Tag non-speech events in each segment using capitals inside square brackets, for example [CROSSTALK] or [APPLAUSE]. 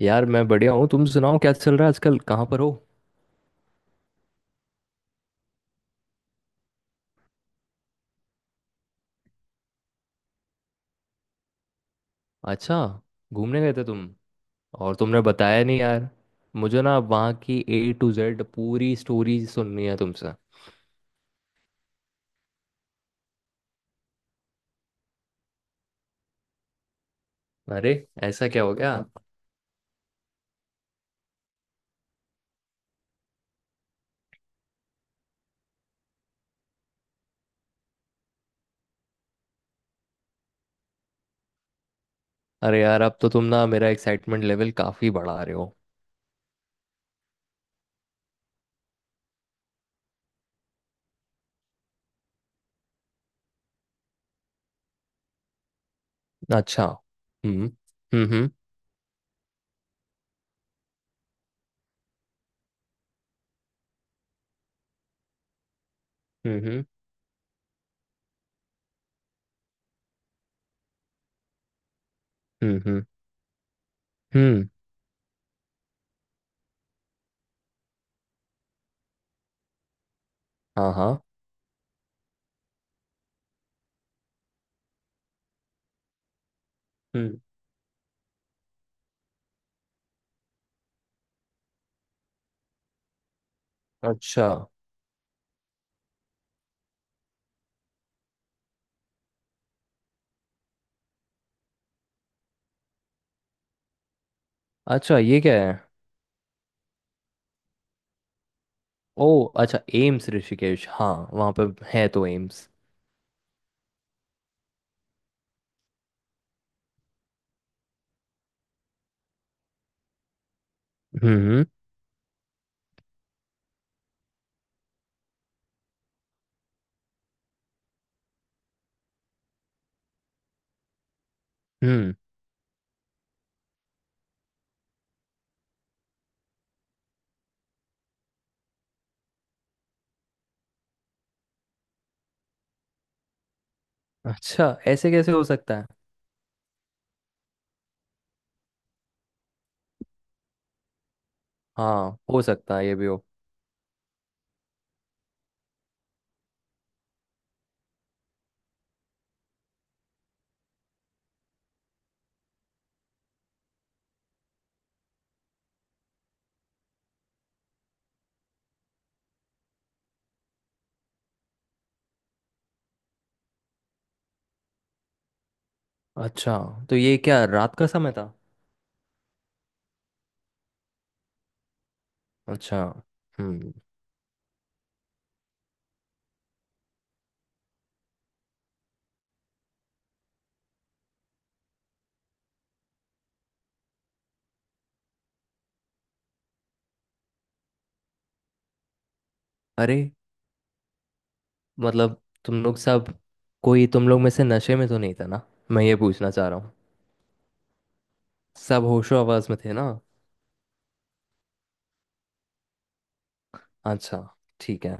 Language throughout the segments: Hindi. यार मैं बढ़िया हूँ। तुम सुनाओ, क्या चल रहा है आजकल? कहाँ पर हो? अच्छा, घूमने गए थे तुम? और तुमने बताया नहीं यार। मुझे ना वहाँ की A to Z पूरी स्टोरी सुननी है तुमसे। अरे, ऐसा क्या हो गया? अरे यार, अब तो तुम ना मेरा एक्साइटमेंट लेवल काफी बढ़ा रहे हो। अच्छा। हम्म। हम्म। हम्म। हम्म। हम्म। हम्म। हम्म। हम्म। हाँ, हाँ। हम्म। अच्छा। अच्छा, ये क्या है? ओ, अच्छा, एम्स ऋषिकेश। हाँ, वहाँ पे है तो एम्स। हम्म। हम्म। हम्म। अच्छा, ऐसे कैसे हो सकता है? हाँ, हो सकता है ये भी हो। अच्छा, तो ये क्या रात का समय था? अच्छा। हम्म। अरे, मतलब तुम लोग सब, कोई तुम लोग में से नशे में तो नहीं था ना? मैं ये पूछना चाह रहा हूँ। सब होशो आवाज में थे ना? अच्छा। ठीक है।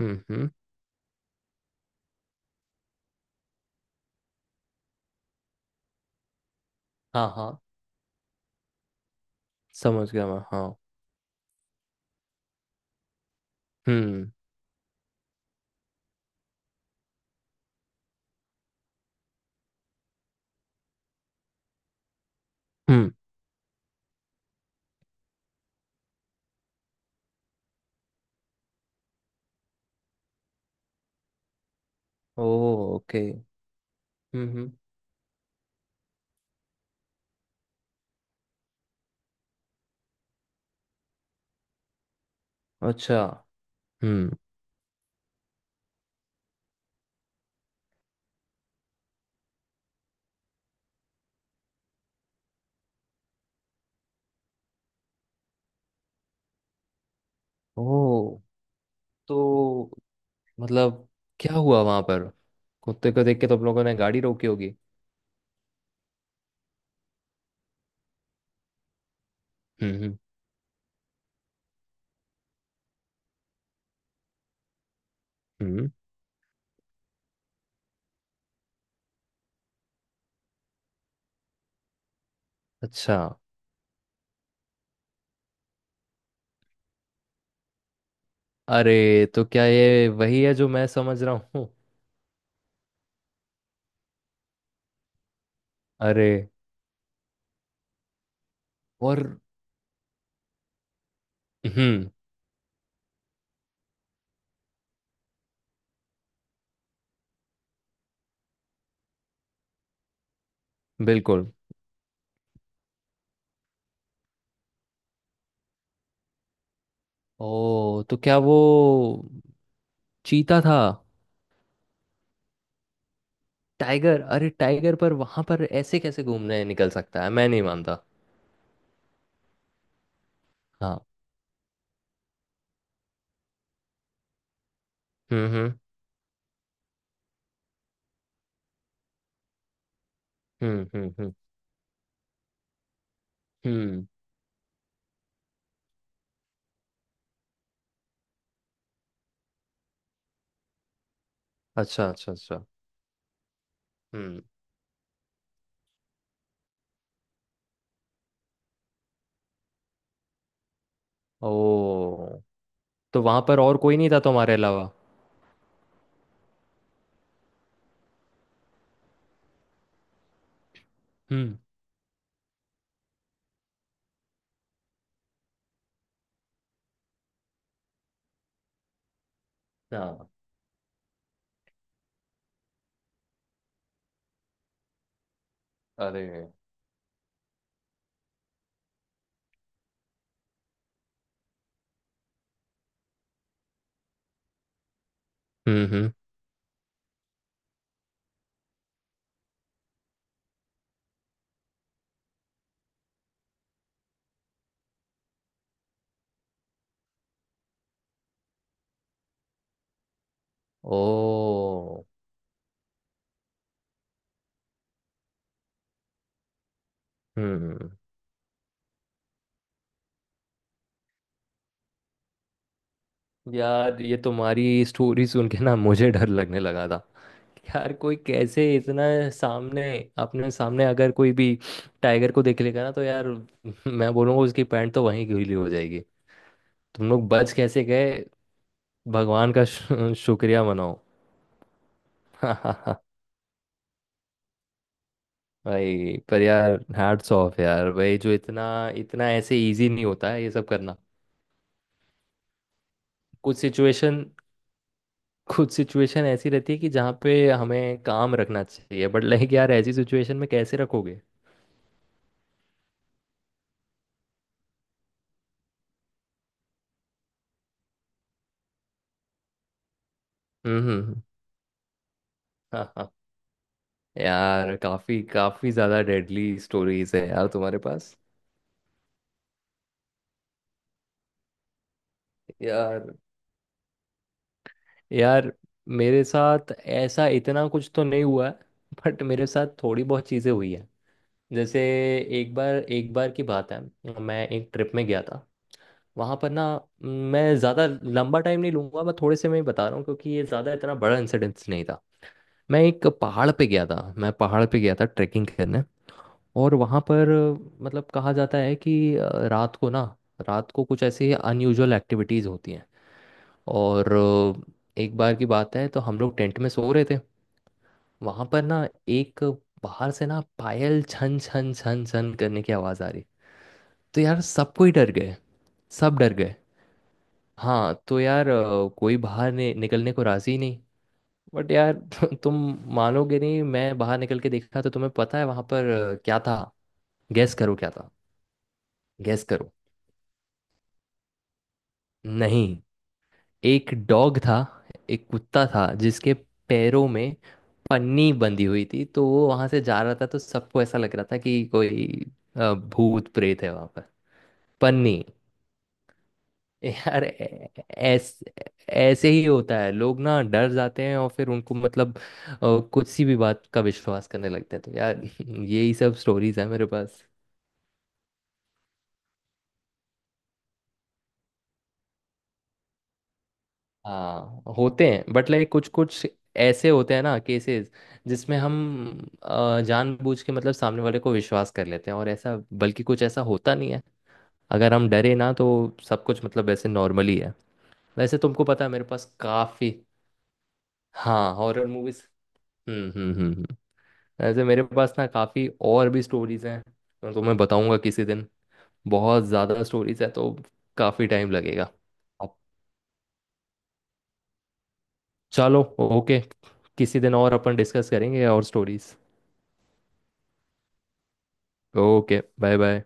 हम्म। हम्म। हाँ, हाँ, समझ गया मैं, हाँ। हम्म। हम्म। ओ। ओके। हम्म। हम्म। अच्छा। हम्म। ओ, तो मतलब क्या हुआ वहां पर? कुत्ते को देख के तो आप लोगों ने गाड़ी रोकी होगी। हम्म। हम्म। हम्म। अच्छा। अरे, तो क्या ये वही है जो मैं समझ रहा हूँ? अरे। और? हम्म। बिल्कुल। ओ, तो क्या वो चीता था? टाइगर? अरे, टाइगर पर वहां पर ऐसे कैसे घूमने निकल सकता है? मैं नहीं मानता। हाँ। हम्म। हम्म। हम्म। हम्म। हम्म। हम्म। अच्छा, अच्छा, अच्छा। हम्म। ओ, तो वहां पर और कोई नहीं था तुम्हारे अलावा? हम्म। हाँ। अरे। हम्म। हम्म। ओ। हम्म। यार, ये तुम्हारी स्टोरी सुन के ना मुझे डर लगने लगा था। यार कोई कैसे इतना, सामने, अपने सामने अगर कोई भी टाइगर को देख लेगा ना तो यार [LAUGHS] मैं बोलूँगा उसकी पैंट तो वहीं गीली हो जाएगी। तुम लोग बच कैसे गए? भगवान का शुक्रिया मनाओ। [LAUGHS] भाई पर यार हैट्स ऑफ यार, भाई जो इतना, इतना ऐसे इजी नहीं होता है ये सब करना। कुछ सिचुएशन, कुछ सिचुएशन ऐसी रहती है कि जहाँ पे हमें काम रखना चाहिए, बट लाइक यार ऐसी सिचुएशन में कैसे रखोगे? हम्म। हम्म। हाँ, हाँ। यार काफी काफी ज्यादा डेडली स्टोरीज है यार तुम्हारे पास। यार। यार, मेरे साथ ऐसा इतना कुछ तो नहीं हुआ है। बट मेरे साथ थोड़ी बहुत चीजें हुई है। जैसे, एक बार, एक बार की बात है। मैं एक ट्रिप में गया था। वहां पर ना, मैं ज्यादा लंबा टाइम नहीं लूंगा, मैं थोड़े से मैं ही बता रहा हूँ क्योंकि ये ज्यादा इतना बड़ा इंसिडेंस नहीं था। मैं एक पहाड़ पे गया था, मैं पहाड़ पे गया था ट्रैकिंग करने। और वहाँ पर मतलब कहा जाता है कि रात को ना, रात को कुछ ऐसी अनयूजुअल एक्टिविटीज़ होती हैं। और एक बार की बात है, तो हम लोग टेंट में सो रहे थे। वहाँ पर ना एक, बाहर से ना पायल छन छन छन छन करने की आवाज़ आ रही। तो यार सब कोई डर गए, सब डर गए। हाँ, तो यार कोई बाहर निकलने को राज़ी नहीं। बट यार तुम मानोगे नहीं, मैं बाहर निकल के देखा तो तुम्हें पता है वहां पर क्या था? गैस करो क्या था। गैस करो। नहीं, एक डॉग था, एक कुत्ता था जिसके पैरों में पन्नी बंधी हुई थी, तो वो वहां से जा रहा था तो सबको ऐसा लग रहा था कि कोई भूत प्रेत है वहां पर। पन्नी। यार ऐ- ऐस ऐसे ही होता है, लोग ना डर जाते हैं और फिर उनको मतलब कुछ सी भी बात का विश्वास करने लगते हैं, तो यार [LAUGHS] यही सब स्टोरीज है मेरे पास। हाँ, होते हैं बट लाइक कुछ कुछ, ऐसे होते हैं ना केसेस जिसमें हम जानबूझ के मतलब सामने वाले को विश्वास कर लेते हैं और ऐसा, बल्कि कुछ ऐसा होता नहीं है, अगर हम डरे ना तो सब कुछ मतलब वैसे नॉर्मली है। वैसे तुमको पता है मेरे पास काफ़ी, हाँ, हॉरर मूवीज। हम्म। हम्म। हम्म। हम्म। वैसे मेरे पास ना काफ़ी और भी स्टोरीज हैं, मैं तुम्हें बताऊंगा किसी दिन। बहुत ज़्यादा स्टोरीज है, तो काफ़ी टाइम लगेगा। अब चलो, ओके, किसी दिन और अपन डिस्कस करेंगे और स्टोरीज। Okay, bye bye.